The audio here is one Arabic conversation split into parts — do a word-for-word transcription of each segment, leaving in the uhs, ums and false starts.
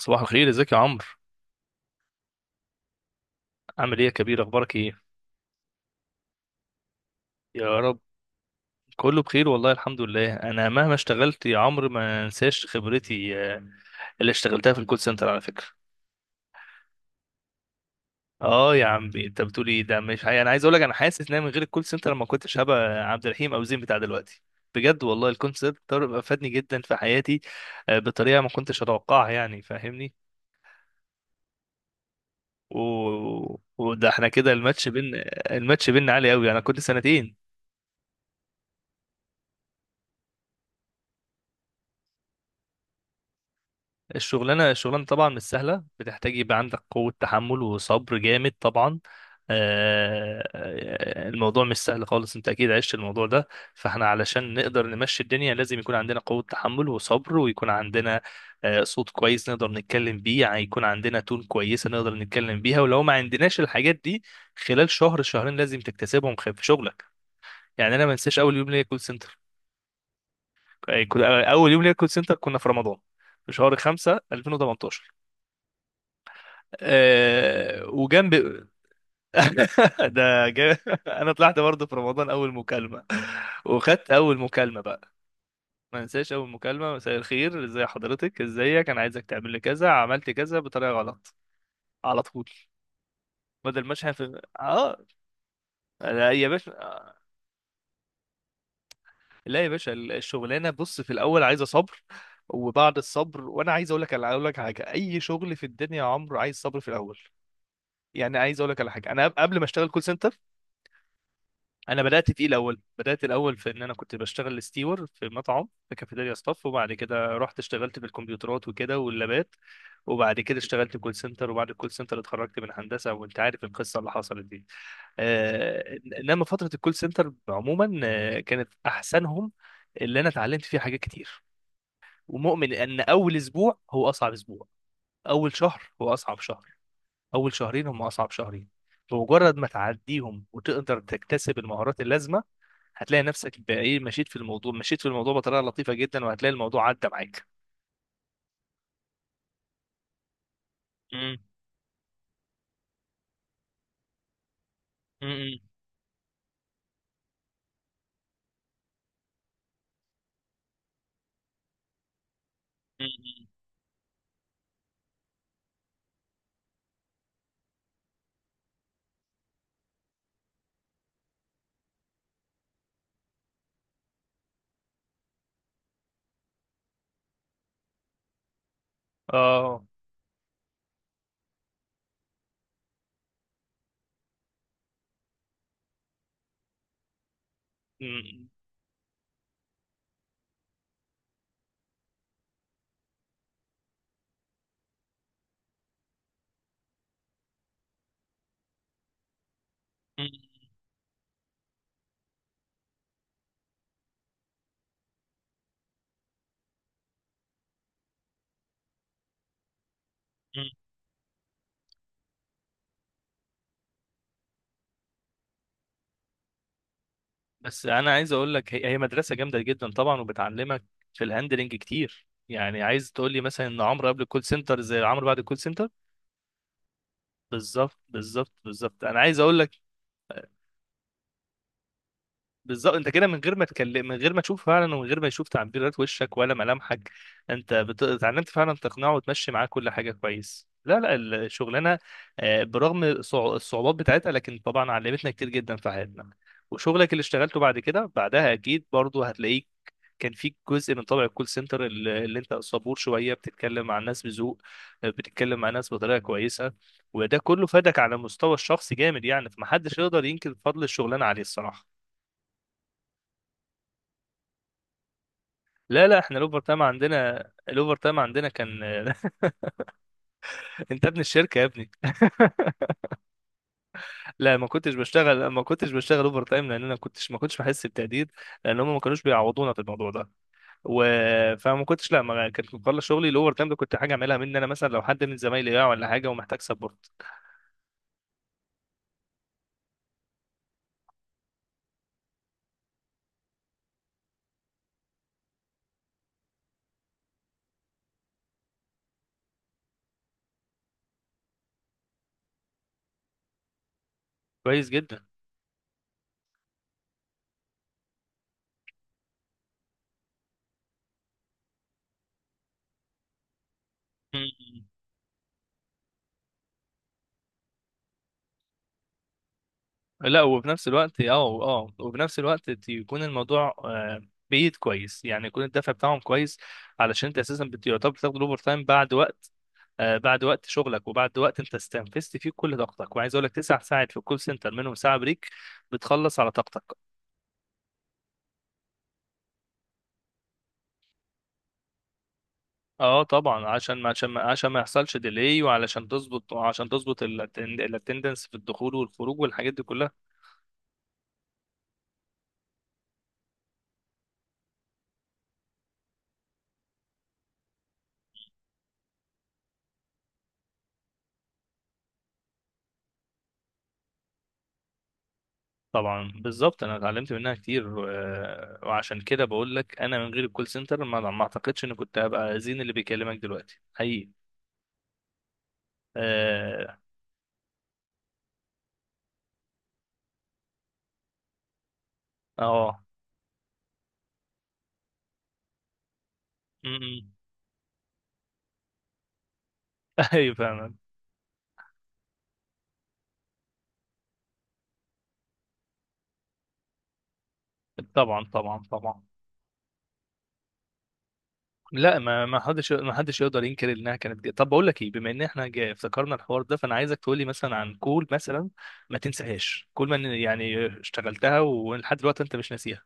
صباح الخير، ازيك يا عمرو؟ عامل ايه يا كبير، اخبارك ايه؟ يا رب. كله بخير والله، الحمد لله. انا مهما اشتغلت يا عمرو ما انساش خبرتي آه، اللي اشتغلتها في الكول سنتر، على فكرة. اه يا عم، انت بتقول ايه، ده مش حقيقي. انا عايز اقول لك، انا حاسس ان أنا من غير الكول سنتر ما كنتش هبقى عبد الرحيم او زين بتاع دلوقتي. بجد والله الكول سنتر افادني جدا في حياتي، آه، بطريقة ما كنتش اتوقعها، يعني فاهمني. و... وده احنا كده الماتش بين الماتش بيننا عالي قوي، انا كنت سنتين. الشغلانة الشغلانة طبعا مش سهلة، بتحتاج يبقى عندك قوة تحمل وصبر جامد طبعا. آه، الموضوع مش سهل خالص، انت اكيد عشت الموضوع ده. فاحنا علشان نقدر نمشي الدنيا لازم يكون عندنا قوة تحمل وصبر، ويكون عندنا آه، صوت كويس نقدر نتكلم بيه، يعني يكون عندنا تون كويسة نقدر نتكلم بيها، ولو ما عندناش الحاجات دي خلال شهر شهرين لازم تكتسبهم خ- في شغلك. يعني انا ما انساش اول يوم ليا كول سنتر اول يوم ليا كول سنتر كنا في رمضان، في شهر خمسة ألفين وثمانية عشر. آه، وجنب ده جا... انا طلعت برضه في رمضان اول مكالمه، وخدت اول مكالمه بقى. ما انساش اول مكالمه، مساء الخير، ازي حضرتك، ازيك، انا عايزك تعمل لي كذا. عملت كذا بطريقه غلط على طول، بدل ما اشحن في اه. لا يا باشا، لا يا باشا، الشغلانه بص في الاول عايزه صبر، وبعد الصبر. وانا عايز اقول لك على اقول لك حاجه، اي شغل في الدنيا يا عمرو عايز صبر في الاول. يعني عايز اقول لك على حاجه، انا قبل ما اشتغل كول سنتر، انا بدات فيه الاول بدات الاول في ان انا كنت بشتغل ستيور في مطعم، في كافيتيريا ستاف، وبعد كده رحت اشتغلت في الكمبيوترات وكده واللابات. وبعد كده اشتغلت كول سنتر، وبعد الكول سنتر اتخرجت من هندسه، وانت عارف القصه اللي حصلت دي. آه انما فتره الكول سنتر عموما آه، كانت احسنهم، اللي انا اتعلمت فيها حاجات كتير. ومؤمن ان اول اسبوع هو اصعب اسبوع، اول شهر هو اصعب شهر، اول شهرين هم اصعب شهرين. بمجرد ما تعديهم وتقدر تكتسب المهارات اللازمه، هتلاقي نفسك بايه مشيت في الموضوع، مشيت في الموضوع بطريقه لطيفه جدا، وهتلاقي الموضوع عدى معاك. مم. مم. مم. اه. مم. مم. مم. بس انا عايز اقول لك، هي هي مدرسه جامده جدا طبعا، وبتعلمك في الهاندلنج كتير. يعني عايز تقول لي مثلا ان عمرو قبل الكول سنتر زي عمرو بعد الكول سنتر؟ بالظبط، بالظبط، بالظبط، انا عايز اقول لك. بالظبط، انت كده من غير ما تكلم، من غير ما تشوف فعلا، ومن غير ما يشوف تعبيرات وشك ولا ملامحك. انت بت- اتعلمت فعلا تقنعه وتمشي معاه كل حاجه كويس. لا لا الشغلانه آه، برغم صع- الصعوبات بتاعتها، لكن طبعا علمتنا كتير جدا في حياتنا. وشغلك اللي اشتغلته بعد كده بعدها اكيد برضو هتلاقيك كان فيك جزء من طبع الكول سنتر، اللي اللي انت صبور شويه، بتتكلم مع الناس بذوق، آه، بتتكلم مع الناس بطريقه كويسه. وده كله فادك على المستوى الشخصي جامد، يعني فمحدش يقدر ينكر فضل الشغلانه عليه الصراحه. لا لا احنا الاوفر تايم عندنا الاوفر تايم عندنا كان انت ابن الشركه يا ابني لا، ما كنتش بشتغل ما كنتش بشتغل اوفر تايم، لان انا كنتش ما كنتش بحس بتقدير، لان هم ما كانوش بيعوضونا في الموضوع ده. و... فما كنتش لا ما كنت بخلص شغلي، الاوفر تايم ده كنت حاجه اعملها مني انا، مثلا لو حد من زمايلي وقع ولا حاجه ومحتاج سبورت. كويس جدا. مم. لا وفي نفس الوقت، اه اه وفي نفس الوقت، يكون الموضوع آه، بايد كويس، يعني يكون الدفع بتاعهم كويس، علشان انت اساسا بت- يعتبر بتاخد الاوفر تايم بعد وقت، آه، بعد وقت شغلك، وبعد وقت انت استنفذت فيه كل طاقتك. وعايز اقول لك، تسع ساعات في الكول سنتر منهم ساعه بريك، بتخلص على طاقتك. اه طبعا، عشان ما عشان ما عشان ما يحصلش ديلي، وعلشان تظبط وعشان تظبط الاتندنس في الدخول والخروج والحاجات دي كلها. طبعا بالظبط، انا اتعلمت منها كتير، آه، وعشان كده بقول لك انا من غير الكول سنتر ما ما اعتقدش اني كنت هبقى زين اللي بيكلمك دلوقتي، حقيقي. اه. اه. م- م. ايوه فعلا. طبعا، طبعا، طبعا. لا ما ما حدش ما حدش يقدر ينكر انها كانت جاية. طب بقول لك ايه، بما ان احنا جاي افتكرنا الحوار ده، فانا عايزك تقول لي مثلا عن كول مثلا ما تنساهاش، كول ما إن- يعني اشتغلتها ولحد دلوقتي انت مش ناسيها.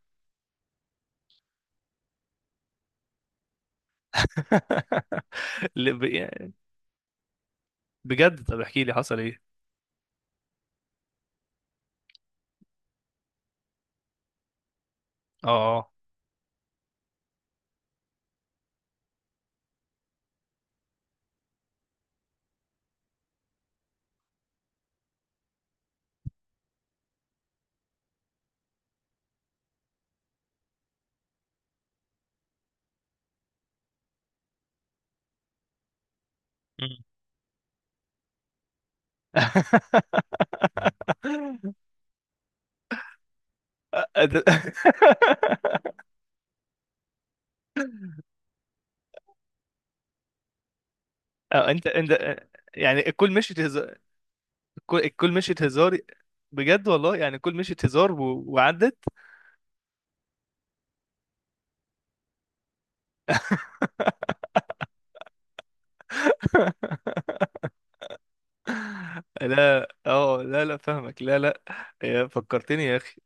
ل- ب- بجد، طب احكي لي حصل ايه. اه. آه. مم. اه انت انت يعني الكل مشيت هزار. الكل الكل مشيت هزار، بجد والله يعني الكل مشيت هزار و... وعدت. لا اه، لا لا فاهمك، لا لا، يا فكرتني يا اخي.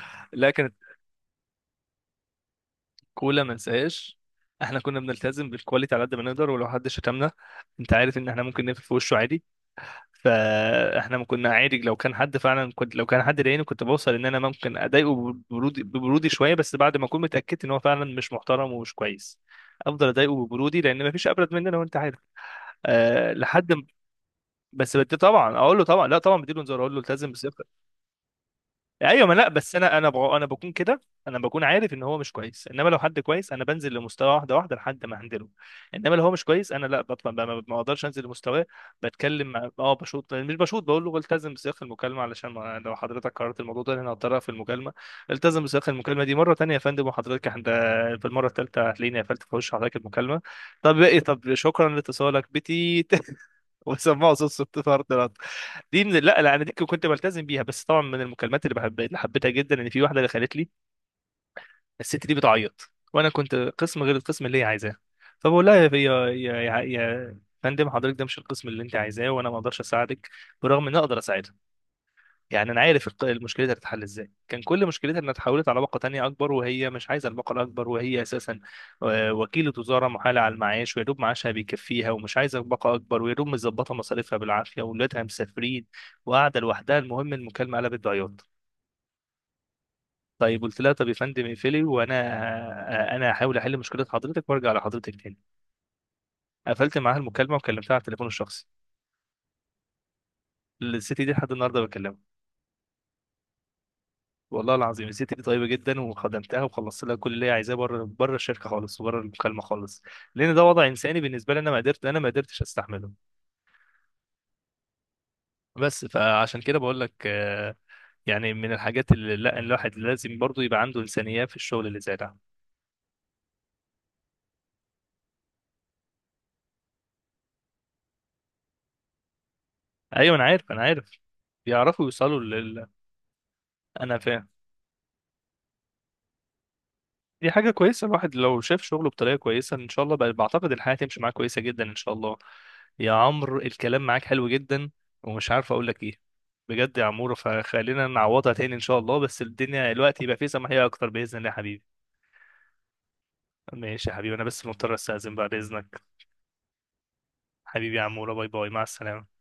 لا كانت كولا ما انساهاش. احنا كنا بنلتزم بالكواليتي على قد ما نقدر، ولو حد شتمنا، انت عارف ان احنا ممكن نقفل في وشه عادي. فاحنا ما كنا عادي، لو كان حد فعلا كنت لو كان حد ضايقني كنت بوصل ان انا ممكن اضايقه ببرودي، ببرودي شويه، بس بعد ما اكون متاكد ان هو فعلا مش محترم ومش كويس، افضل اضايقه ببرودي، لان مفيش ابرد مننا وانت عارف. أه لحد ما- بس بدي طبعا اقول له، طبعا لا طبعا بديله انذار، اقول له التزم بس. ايوه ما لا بس انا انا بغ... انا بكون كده. انا بكون عارف ان هو مش كويس، انما لو حد كويس انا بنزل لمستوى، واحده واحده لحد ما هندله. انما لو هو مش كويس انا لا بطلع، ما ما- ما بقدرش انزل لمستواه. بتكلم مع... اه بشوط مش بشوط، بقول له التزم بسياق المكالمه، علشان ما... لو حضرتك قررت الموضوع ده إن انا هضطرها في المكالمه، التزم بسياق المكالمه دي مره تانية يا فندم، وحضرتك عند في المره الثالثه هتلاقيني قفلت في وش حضرتك المكالمه. طب ايه، طب شكرا لاتصالك بتيت. وسموها صوت صوت فرد رد. دي من، لا لا انا دي كنت بلتزم بيها. بس طبعا من المكالمات اللي بحب اللي حبيتها جدا ان في واحده اللي خلت لي، الست دي بتعيط وانا كنت قسم غير القسم اللي هي عايزاه. فبقول لها، يا يا يا يا يا فندم، حضرتك ده مش القسم اللي انت عايزاه، وانا ما اقدرش اساعدك، برغم ان أنا اقدر اساعدك. يعني انا عارف الق- المشكله دي هتتحل ازاي. كان كل مشكلتها انها اتحولت على باقه تانية اكبر، وهي مش عايزه الباقه الاكبر، وهي اساسا آه، وكيله وزاره محاله على المعاش، ويا دوب معاشها بيكفيها، ومش عايزه باقه اكبر، ويا دوب مظبطه مصاريفها بالعافيه، واولادها مسافرين وقاعده لوحدها. المهم المكالمه قلبت بعياط، طيب قلت لها طب يا فندم اقفلي، وانا آه، انا هحاول احل مشكله حضرتك وارجع لحضرتك تاني. قفلت معاها المكالمه وكلمتها على التليفون الشخصي. الست دي لحد النهارده بكلمها. والله العظيم الست دي طيبه جدا، وخدمتها وخلصت لها كل اللي هي عايزاه بره، بره الشركه خالص وبره المكالمه خالص، لان ده وضع انساني بالنسبه لي، انا ما قدرت، انا ما قدرتش استحمله. بس فعشان كده بقول لك آه، يعني من الحاجات اللي لا، الواحد لازم برضو يبقى عنده انسانيه في الشغل اللي زي ده. ايوه انا عارف، انا عارف، بيعرفوا يوصلوا لل... انا فاهم. دي حاجة كويسة، الواحد لو شاف شغله بطريقة كويسة إن شاء الله بقى بعتقد الحياة تمشي معاه كويسة جدا إن شاء الله. يا عمرو الكلام معاك حلو جدا، ومش عارف أقول لك إيه. بجد يا عمورة، فخلينا نعوضها تاني إن شاء الله، بس الدنيا الوقت يبقى فيه سماحية أكتر بإذن الله يا حبيبي. ماشي يا حبيبي، أنا بس مضطر أستأذن بقى بإذنك. حبيبي يا عمورة، باي باي، مع السلامة.